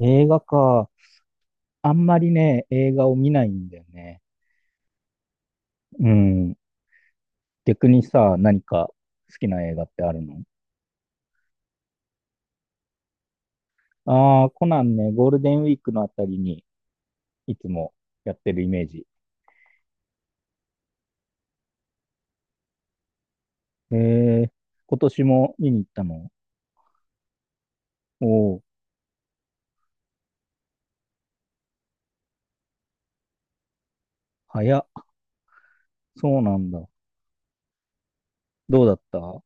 映画か。あんまりね、映画を見ないんだよね。うん。逆にさ、何か好きな映画ってあるの？ああー、コナンね、ゴールデンウィークのあたりにいつもやってるイメージ。ええ、今年も見に行ったの？おおー、早っ。そうなんだ。どうだったう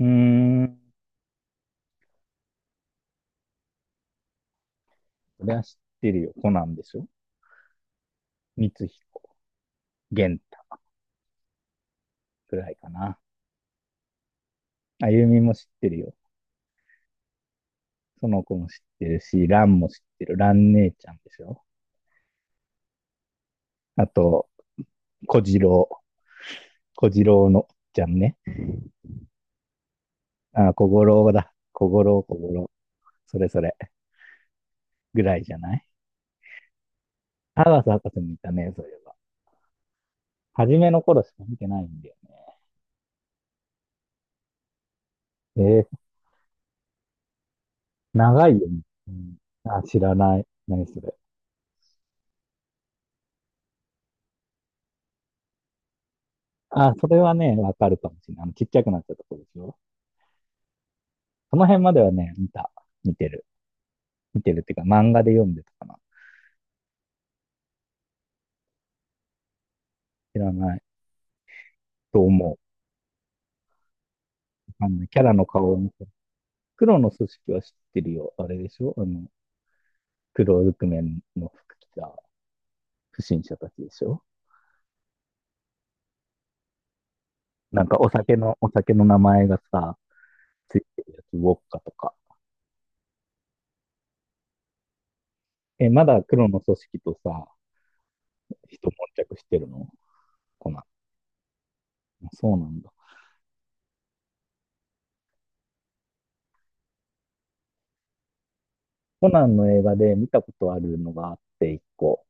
ーん。それは知ってるよ。コナンでしょ？光彦、玄太くらいかな。あゆみも知ってるよ。その子も知ってるし、ランも知ってる。ラン姉ちゃんでしょ？あと、小次郎、小次郎のおちゃんね。あ、小五郎だ。小五郎、小五郎。それそれ。ぐらいじゃない？博士もいたね、そういえば。初めの頃しか見てないんだよね。えー、長いよね。うん、あ、知らない。何それ。あ、それはね、わかるかもしれない。あの、ちっちゃくなっちゃったとこでしょ？その辺まではね、見た。見てる。見てるっていうか、漫画で読んでたかな。知らないと思う。あのね、キャラの顔を見て。黒の組織は知ってるよ。あれでしょあの、黒ずくめの服着た不審者たちでしょ？なんかお酒の名前がさ、ついてるやつ、ウォッカとか。え、まだ黒の組織とさ、人悶着してるの？コナン。そうなんだ。コナンの映画で見たことあるのがあって一個。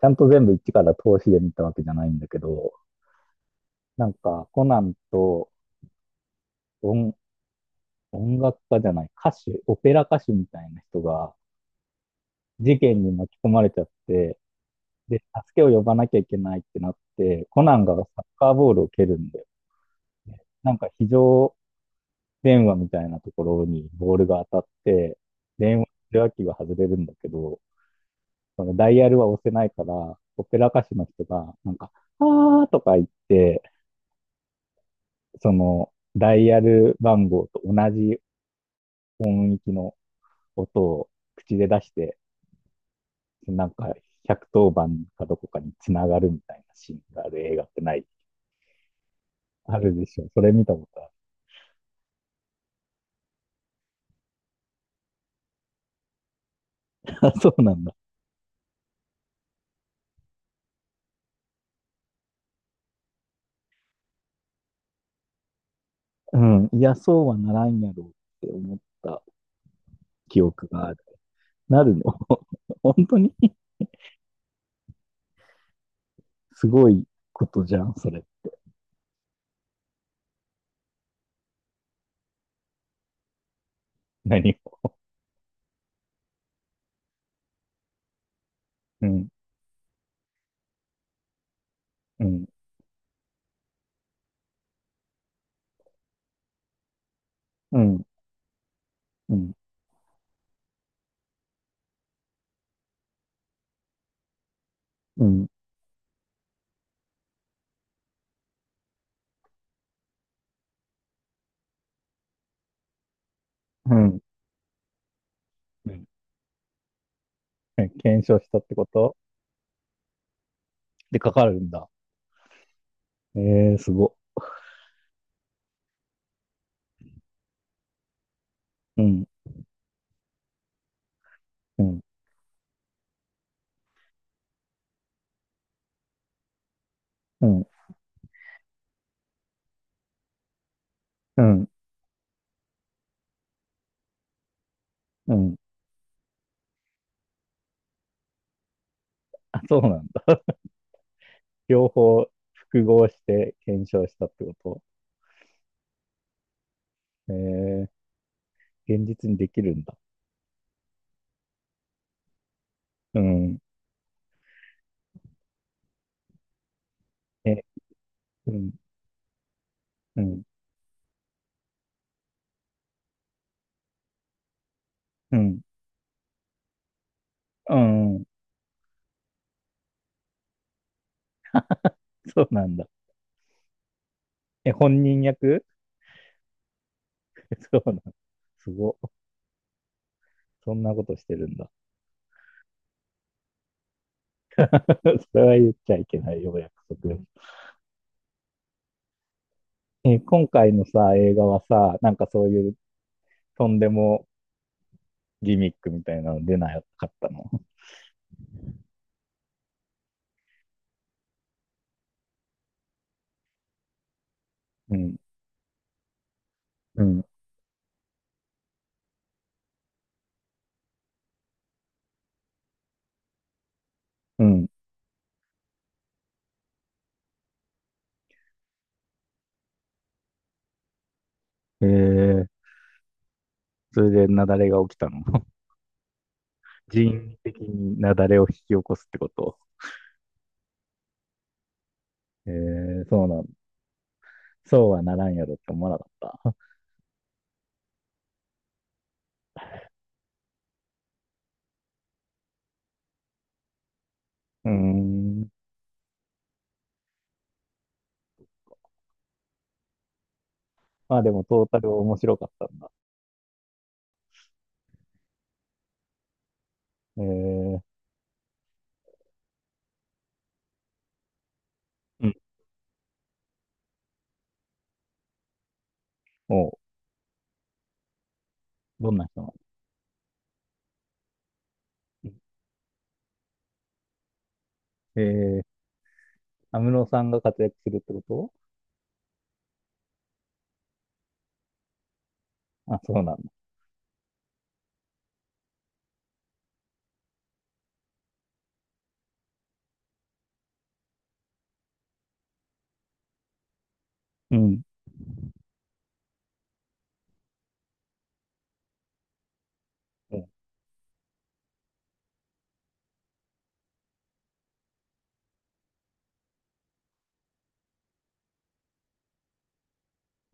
ちゃんと全部一から通しで見たわけじゃないんだけど、なんかコナンと音音楽家じゃない、歌手、オペラ歌手みたいな人が事件に巻き込まれちゃって、で、助けを呼ばなきゃいけないってなって、コナンがサッカーボールを蹴るんだよ。なんか非常電話みたいなところにボールが当たって、電話の受話器が外れるんだけど、そのダイヤルは押せないから、オペラ歌手の人が、なんか、あーとか言って、そのダイヤル番号と同じ音域の音を口で出して、なんか百1 0番かどこかにつながるみたいなシーンがある映画ってない？あるでしょ。それ見たことある。あ、そうなんだ。うん。いや、そうはならんやろうって思った記憶がある。なるの？ 本当に すごいことじゃん、それ。何を。うん、うん、うん、うん、うん、うん。検証したってこと？でかかるんだ。えー、すご。うん、うん、うん、うん、うん。あ、そうなんだ。両方複合して検証したってことえー、現実にできるんだ。うん。え、うん、うん、うん、うん。そうなんだ。え、本人役？ そうなんだ。すご。そんなことしてるんだ。それは言っちゃいけないよ、約束。えー今回のさ、映画はさ、なんかそういうとんでもギミックみたいなの出なかったの？うん、うん、うん。えー、それで雪崩が起きたの？人為的に雪崩を引き起こすってこと？えー、そうなんだ。そうはならんやろって思わなかった。うーん。まあでもトータル面白かったんだ。えー、うん。おう、どんな人なの？えー、安室さんが活躍するってこと？あ、そうなんだ。うん。うん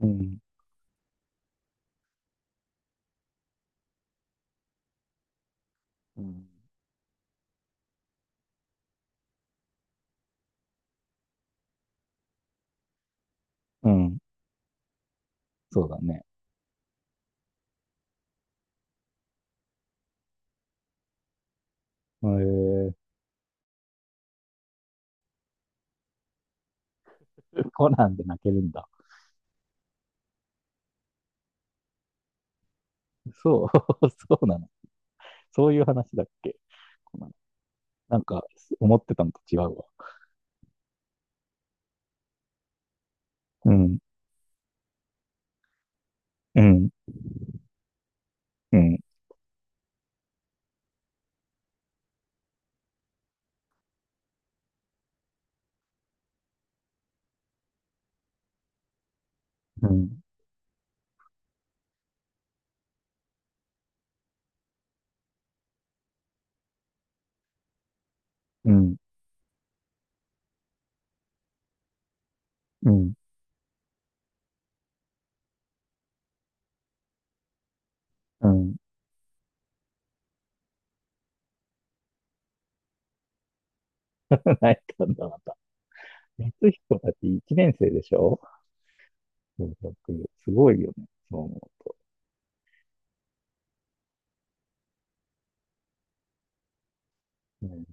うん。うん。うん。そうだね。えー、コナンで泣けるんだ。そう、そうなの。そういう話だっけ？コナン。なんか、思ってたのと違うわ。うん、うん、うん、うん、うん、うん、うん。泣いたんだ、また。光彦たち1年生でしょ？そう僕すごいよね。そう思う。うん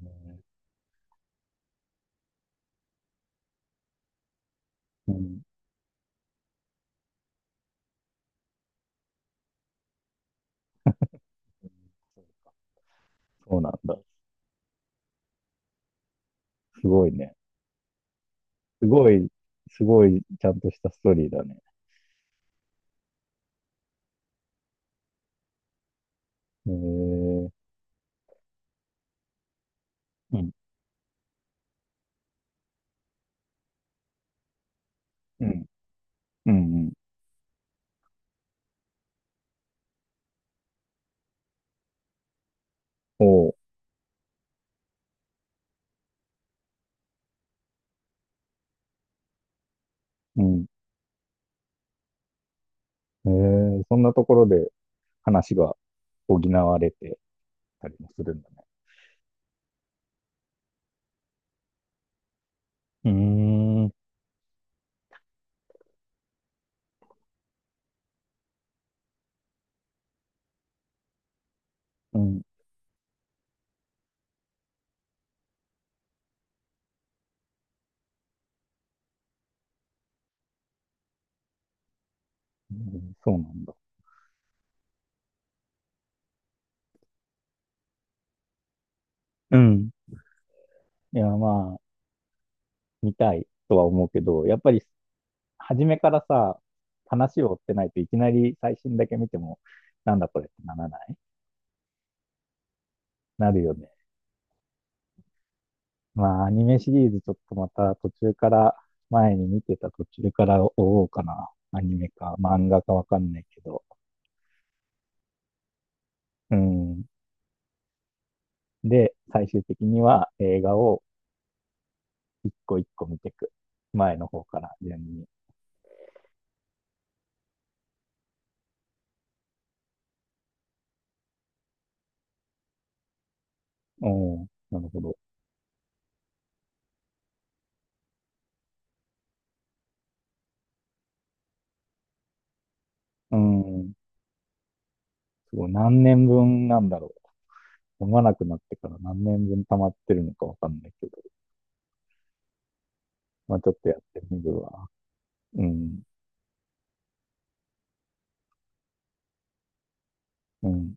うん、そうなんだ。すごいね。すごい、すごい、ちゃんとしたストーリーだね。えー、うん、うん。うんうん。おう。うん。えー、そんなところで話が補われてたりもするんだね。うーん。うん。うんそうなんだ。うん。いや、まあ、見たいとは思うけど、やっぱり初めからさ、話を追ってないといきなり最新だけ見ても、なんだこれってならない？なるよね。まあ、アニメシリーズちょっとまた途中から、前に見てた途中から追おうかな。アニメか漫画かわかんないけど。うん。で、最終的には映画を一個一個見ていく。前の方から順に。うん、なるほど。うーん、すごい。何年分なんだろう。読まなくなってから何年分溜まってるのかわかんないけど。まあちょっとやってみるわ。うん、うん。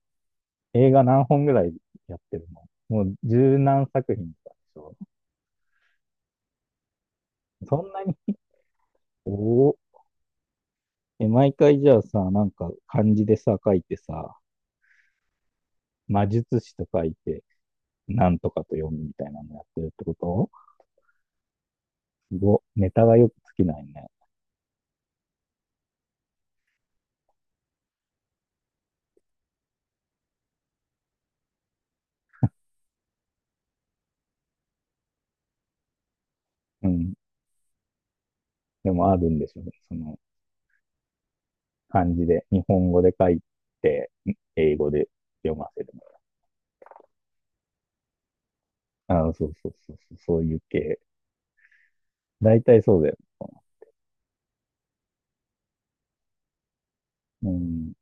映画何本ぐらいやってるの？もう十何作品とかでしょ？そんなに、おお、え、毎回じゃあさ、なんか漢字でさ、書いてさ、魔術師と書いて、なんとかと読むみたいなのやってるってこと？すご、ネタがよく尽きないね。うん。でもあるんでしょうね。その漢字で、日本語で書いて、英語で読ませる。ああ、そうそうそうそう、そういう系。大体そうだよ。うん。